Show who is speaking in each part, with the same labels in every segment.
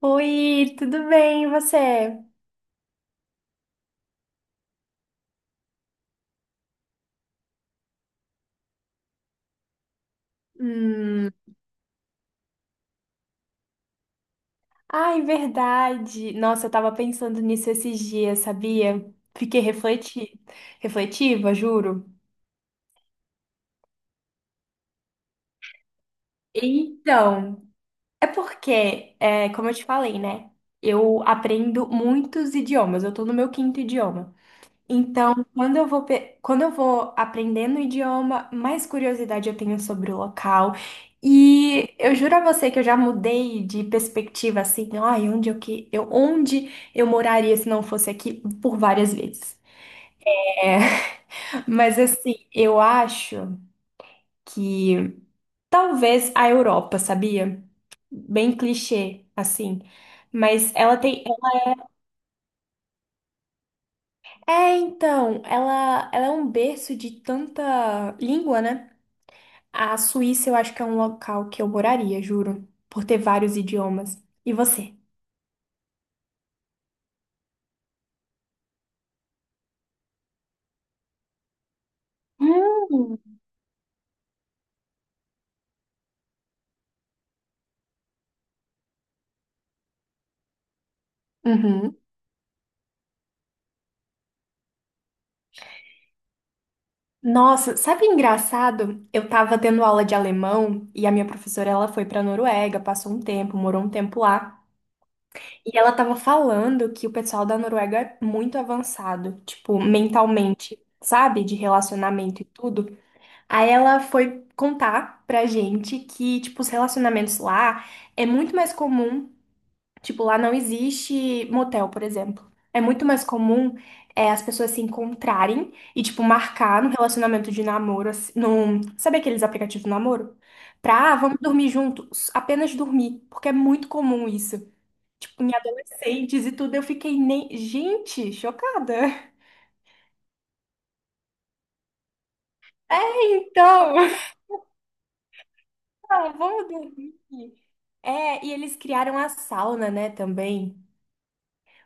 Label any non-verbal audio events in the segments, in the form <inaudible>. Speaker 1: Oi, tudo bem, e você? Hum, ai, verdade. Nossa, eu tava pensando nisso esses dias, sabia? Fiquei refleti... refletiva, juro. Então, é porque, como eu te falei, né? Eu aprendo muitos idiomas, eu tô no meu quinto idioma. Então, quando eu vou aprendendo o idioma, mais curiosidade eu tenho sobre o local. E eu juro a você que eu já mudei de perspectiva assim, ai, onde eu moraria se não fosse aqui por várias vezes. É, <laughs> mas assim, eu acho que talvez a Europa, sabia? Bem clichê assim, mas ela tem. É, então, ela é um berço de tanta língua, né? A Suíça eu acho que é um local que eu moraria, juro, por ter vários idiomas. E você? Hum. Uhum. Nossa, sabe engraçado? Eu tava tendo aula de alemão e a minha professora ela foi pra Noruega, passou um tempo, morou um tempo lá, e ela tava falando que o pessoal da Noruega é muito avançado, tipo, mentalmente, sabe? De relacionamento e tudo. Aí ela foi contar pra gente que, tipo, os relacionamentos lá é muito mais comum. Tipo, lá não existe motel, por exemplo. É muito mais comum as pessoas se encontrarem e, tipo, marcar no relacionamento de namoro, assim, num... sabe aqueles aplicativos de namoro? Pra, ah, vamos dormir juntos, apenas dormir, porque é muito comum isso. Tipo, em adolescentes e tudo, eu fiquei nem... Gente, chocada. É, então, <laughs> ah, vamos dormir. É, e eles criaram a sauna, né, também,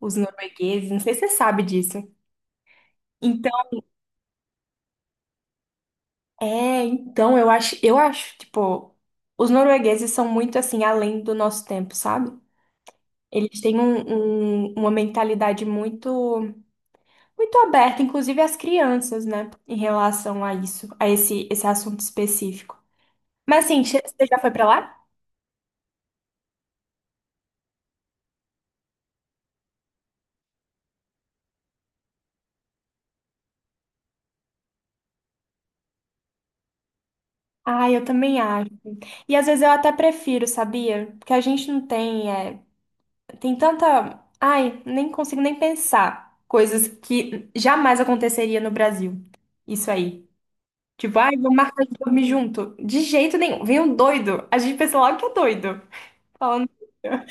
Speaker 1: os noruegueses, não sei se você sabe disso. Então, é, então eu acho, tipo, os noruegueses são muito assim além do nosso tempo, sabe? Eles têm um- um- uma mentalidade muito aberta, inclusive as crianças, né, em relação a isso, a esse assunto específico. Mas assim, você já foi pra lá? Ah, eu também acho. E às vezes eu até prefiro, sabia? Porque a gente não tem, é, tem tanta. Ai, nem consigo nem pensar coisas que jamais aconteceria no Brasil. Isso aí. Tipo, ai, vamos marcar de dormir junto. De jeito nenhum. Vem um doido. A gente pensa logo que é doido. Falando. <laughs>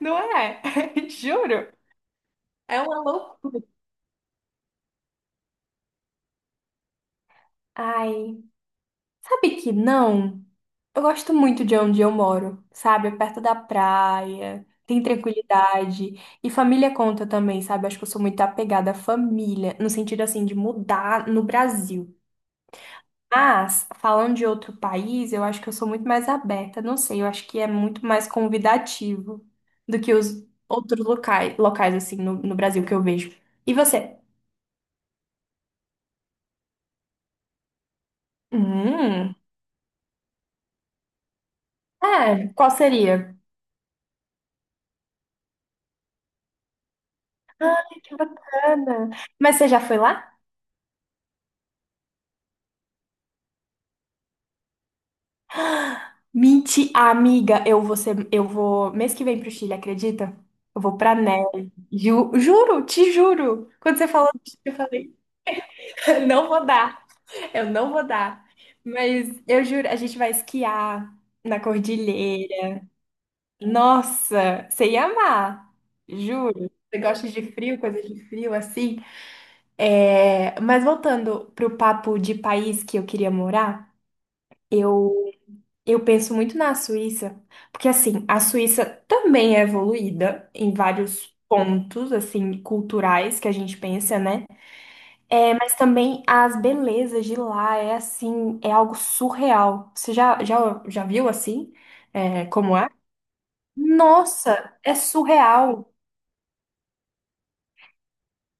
Speaker 1: Não é? <laughs> Juro. É uma loucura. Ai, sabe que não? Eu gosto muito de onde eu moro, sabe? É perto da praia, tem tranquilidade. E família conta também, sabe? Acho que eu sou muito apegada à família, no sentido assim de mudar no Brasil. Mas, falando de outro país, eu acho que eu sou muito mais aberta. Não sei, eu acho que é muito mais convidativo do que os outros locais, locais assim, no Brasil que eu vejo. E você? Hum, é, qual seria? Ai, que bacana. Mas você já foi lá? Menti, amiga, eu vou, mês que vem pro Chile, acredita? Eu vou pra neve. Juro, te juro. Quando você falou disso, eu falei, <laughs> não vou dar. Eu não vou dar. Mas eu juro, a gente vai esquiar na cordilheira. Nossa, você ia amar. Juro. Você gosta de frio, coisas de frio assim? É, mas voltando pro papo de país que eu queria morar, eu, eu penso muito na Suíça. Porque assim, a Suíça também é evoluída em vários pontos assim culturais que a gente pensa, né? É, mas também as belezas de lá é assim, é algo surreal. Você já viu assim? É, como é? Nossa, é surreal.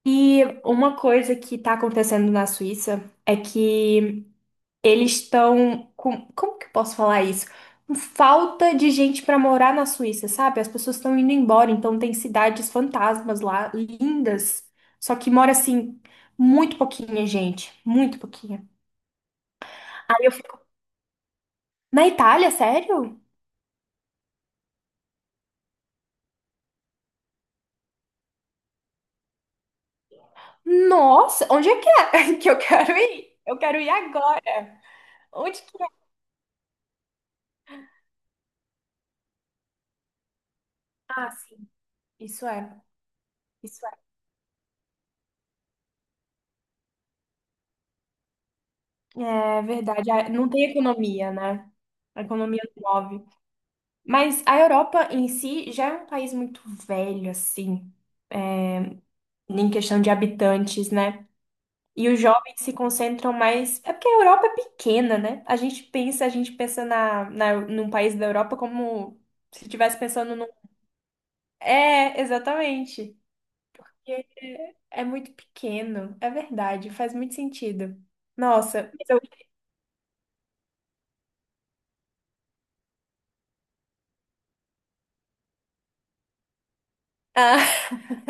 Speaker 1: E uma coisa que tá acontecendo na Suíça é que eles estão com, como que eu posso falar isso? Com falta de gente pra morar na Suíça, sabe? As pessoas estão indo embora, então tem cidades fantasmas lá, lindas. Só que mora assim muito pouquinha gente, muito pouquinha. Aí eu... Na Itália, sério? Nossa, onde é que é <laughs> que eu quero ir? Eu quero ir agora. Onde que é? Ah, sim, isso é, isso é. É verdade, ah, não tem economia, né? A economia não move. Mas a Europa em si já é um país muito velho, assim, em questão de habitantes, né? E os jovens se concentram mais. É porque a Europa é pequena, né? A gente pensa num país da Europa como se estivesse pensando num. É, exatamente. É, é muito pequeno, é verdade, faz muito sentido. Nossa, mas eu... Ah, <laughs>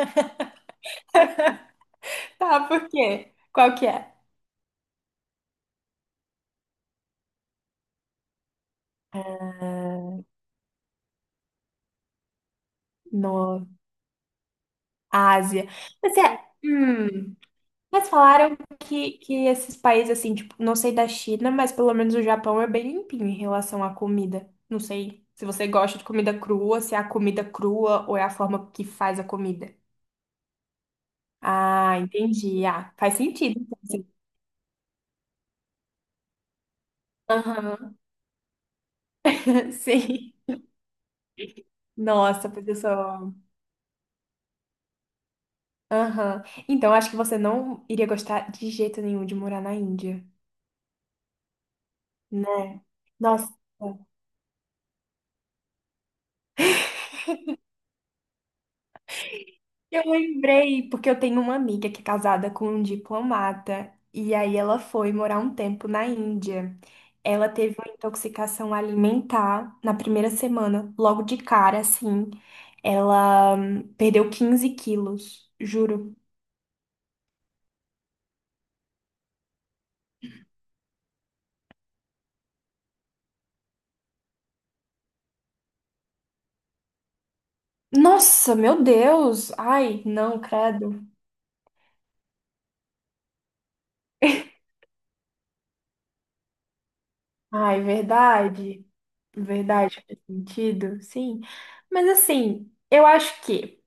Speaker 1: tá, por quê? Qual que é? No Ásia. Mas é, mas falaram que esses países, assim, tipo, não sei da China, mas pelo menos o Japão é bem limpinho em relação à comida. Não sei se você gosta de comida crua, se é a comida crua ou é a forma que faz a comida. Ah, entendi. Ah, faz sentido. Então, assim. Aham, <laughs> sim. Nossa, pois eu sou. Aham. Então, acho que você não iria gostar de jeito nenhum de morar na Índia, né? Nossa, eu lembrei, porque eu tenho uma amiga que é casada com um diplomata, e aí ela foi morar um tempo na Índia. Ela teve uma intoxicação alimentar na primeira semana, logo de cara, assim. Ela perdeu 15 quilos, juro. Nossa, meu Deus! Ai, não, credo. Ai, verdade. Verdade, faz sentido, sim. Mas assim, eu acho que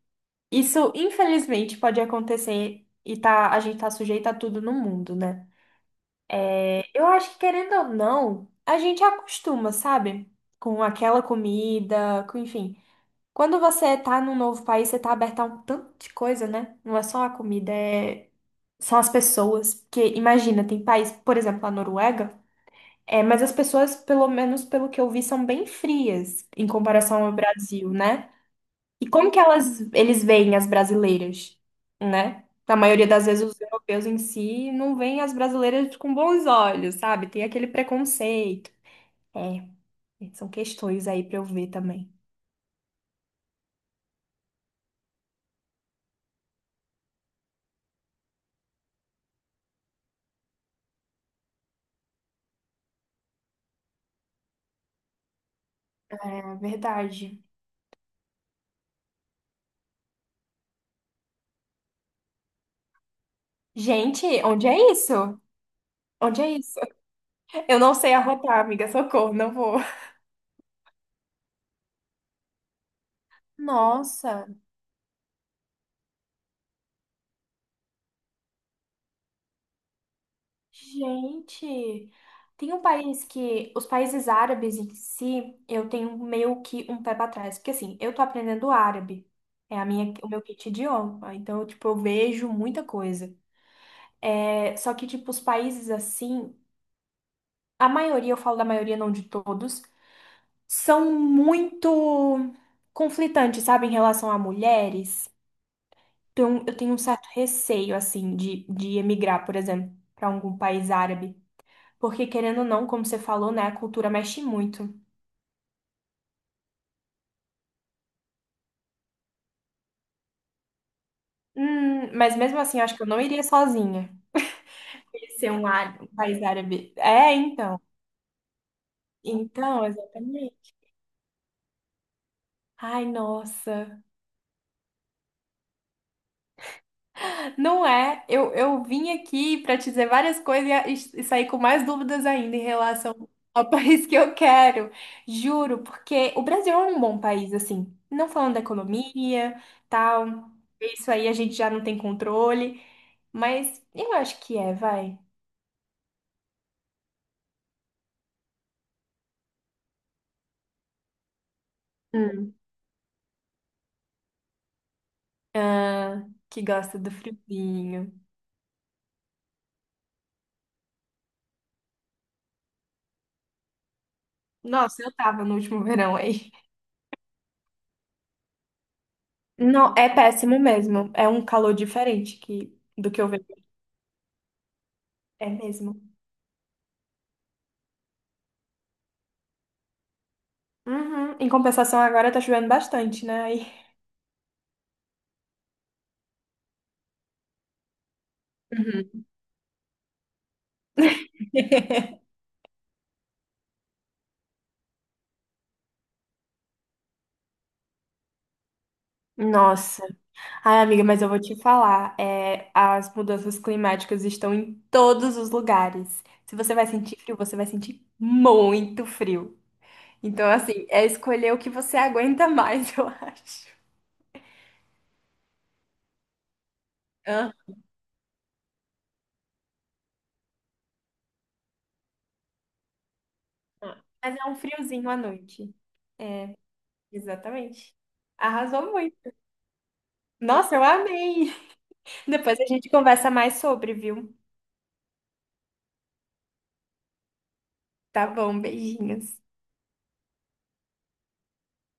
Speaker 1: isso, infelizmente, pode acontecer e tá, a gente tá sujeito a tudo no mundo, né? Eu acho que, querendo ou não, a gente acostuma, sabe? Com aquela comida, com, enfim. Quando você tá num novo país, você tá aberto a um tanto de coisa, né? Não é só a comida, é... são as pessoas. Porque, imagina, tem país, por exemplo, a Noruega. É, mas as pessoas, pelo menos pelo que eu vi, são bem frias em comparação ao Brasil, né? E como que elas, eles veem as brasileiras, né? Na maioria das vezes, os europeus em si não veem as brasileiras com bons olhos, sabe? Tem aquele preconceito. É, são questões aí pra eu ver também. É verdade. Gente, onde é isso? Onde é isso? <laughs> Eu não sei arrotar, amiga, socorro, não vou. Nossa. Gente, tem um país que os países árabes em si, eu tenho meio que um pé pra trás, porque assim, eu tô aprendendo árabe, é a minha, o meu kit idioma, então tipo, eu vejo muita coisa. É, só que tipo, os países assim, a maioria, eu falo da maioria, não de todos, são muito conflitantes, sabe, em relação a mulheres. Então, eu tenho um certo receio assim de emigrar, por exemplo, pra algum país árabe. Porque, querendo ou não, como você falou, né, a cultura mexe muito. Mas mesmo assim, eu acho que eu não iria sozinha. Conhecer um, um país árabe. É, então. Então, exatamente. Ai, nossa. Não é. Eu vim aqui para te dizer várias coisas e sair com mais dúvidas ainda em relação ao <laughs> país que eu quero. Juro, porque o Brasil é um bom país, assim. Não falando da economia, tal. Isso aí a gente já não tem controle. Mas eu acho que é, vai. Ah, que gosta do friozinho. Nossa, eu tava no último verão aí. Não, é péssimo mesmo. É um calor diferente que, do que eu vejo. É mesmo. Uhum. Em compensação, agora tá chovendo bastante, né? Aí... Uhum. Nossa. Ai, amiga, mas eu vou te falar. É, as mudanças climáticas estão em todos os lugares. Se você vai sentir frio, você vai sentir muito frio. Então, assim, é escolher o que você aguenta mais, <laughs> eu acho. Aham. Mas é um friozinho à noite. Exatamente. Arrasou muito. Nossa, eu amei. <laughs> Depois a gente conversa mais sobre, viu? Tá bom, beijinhos.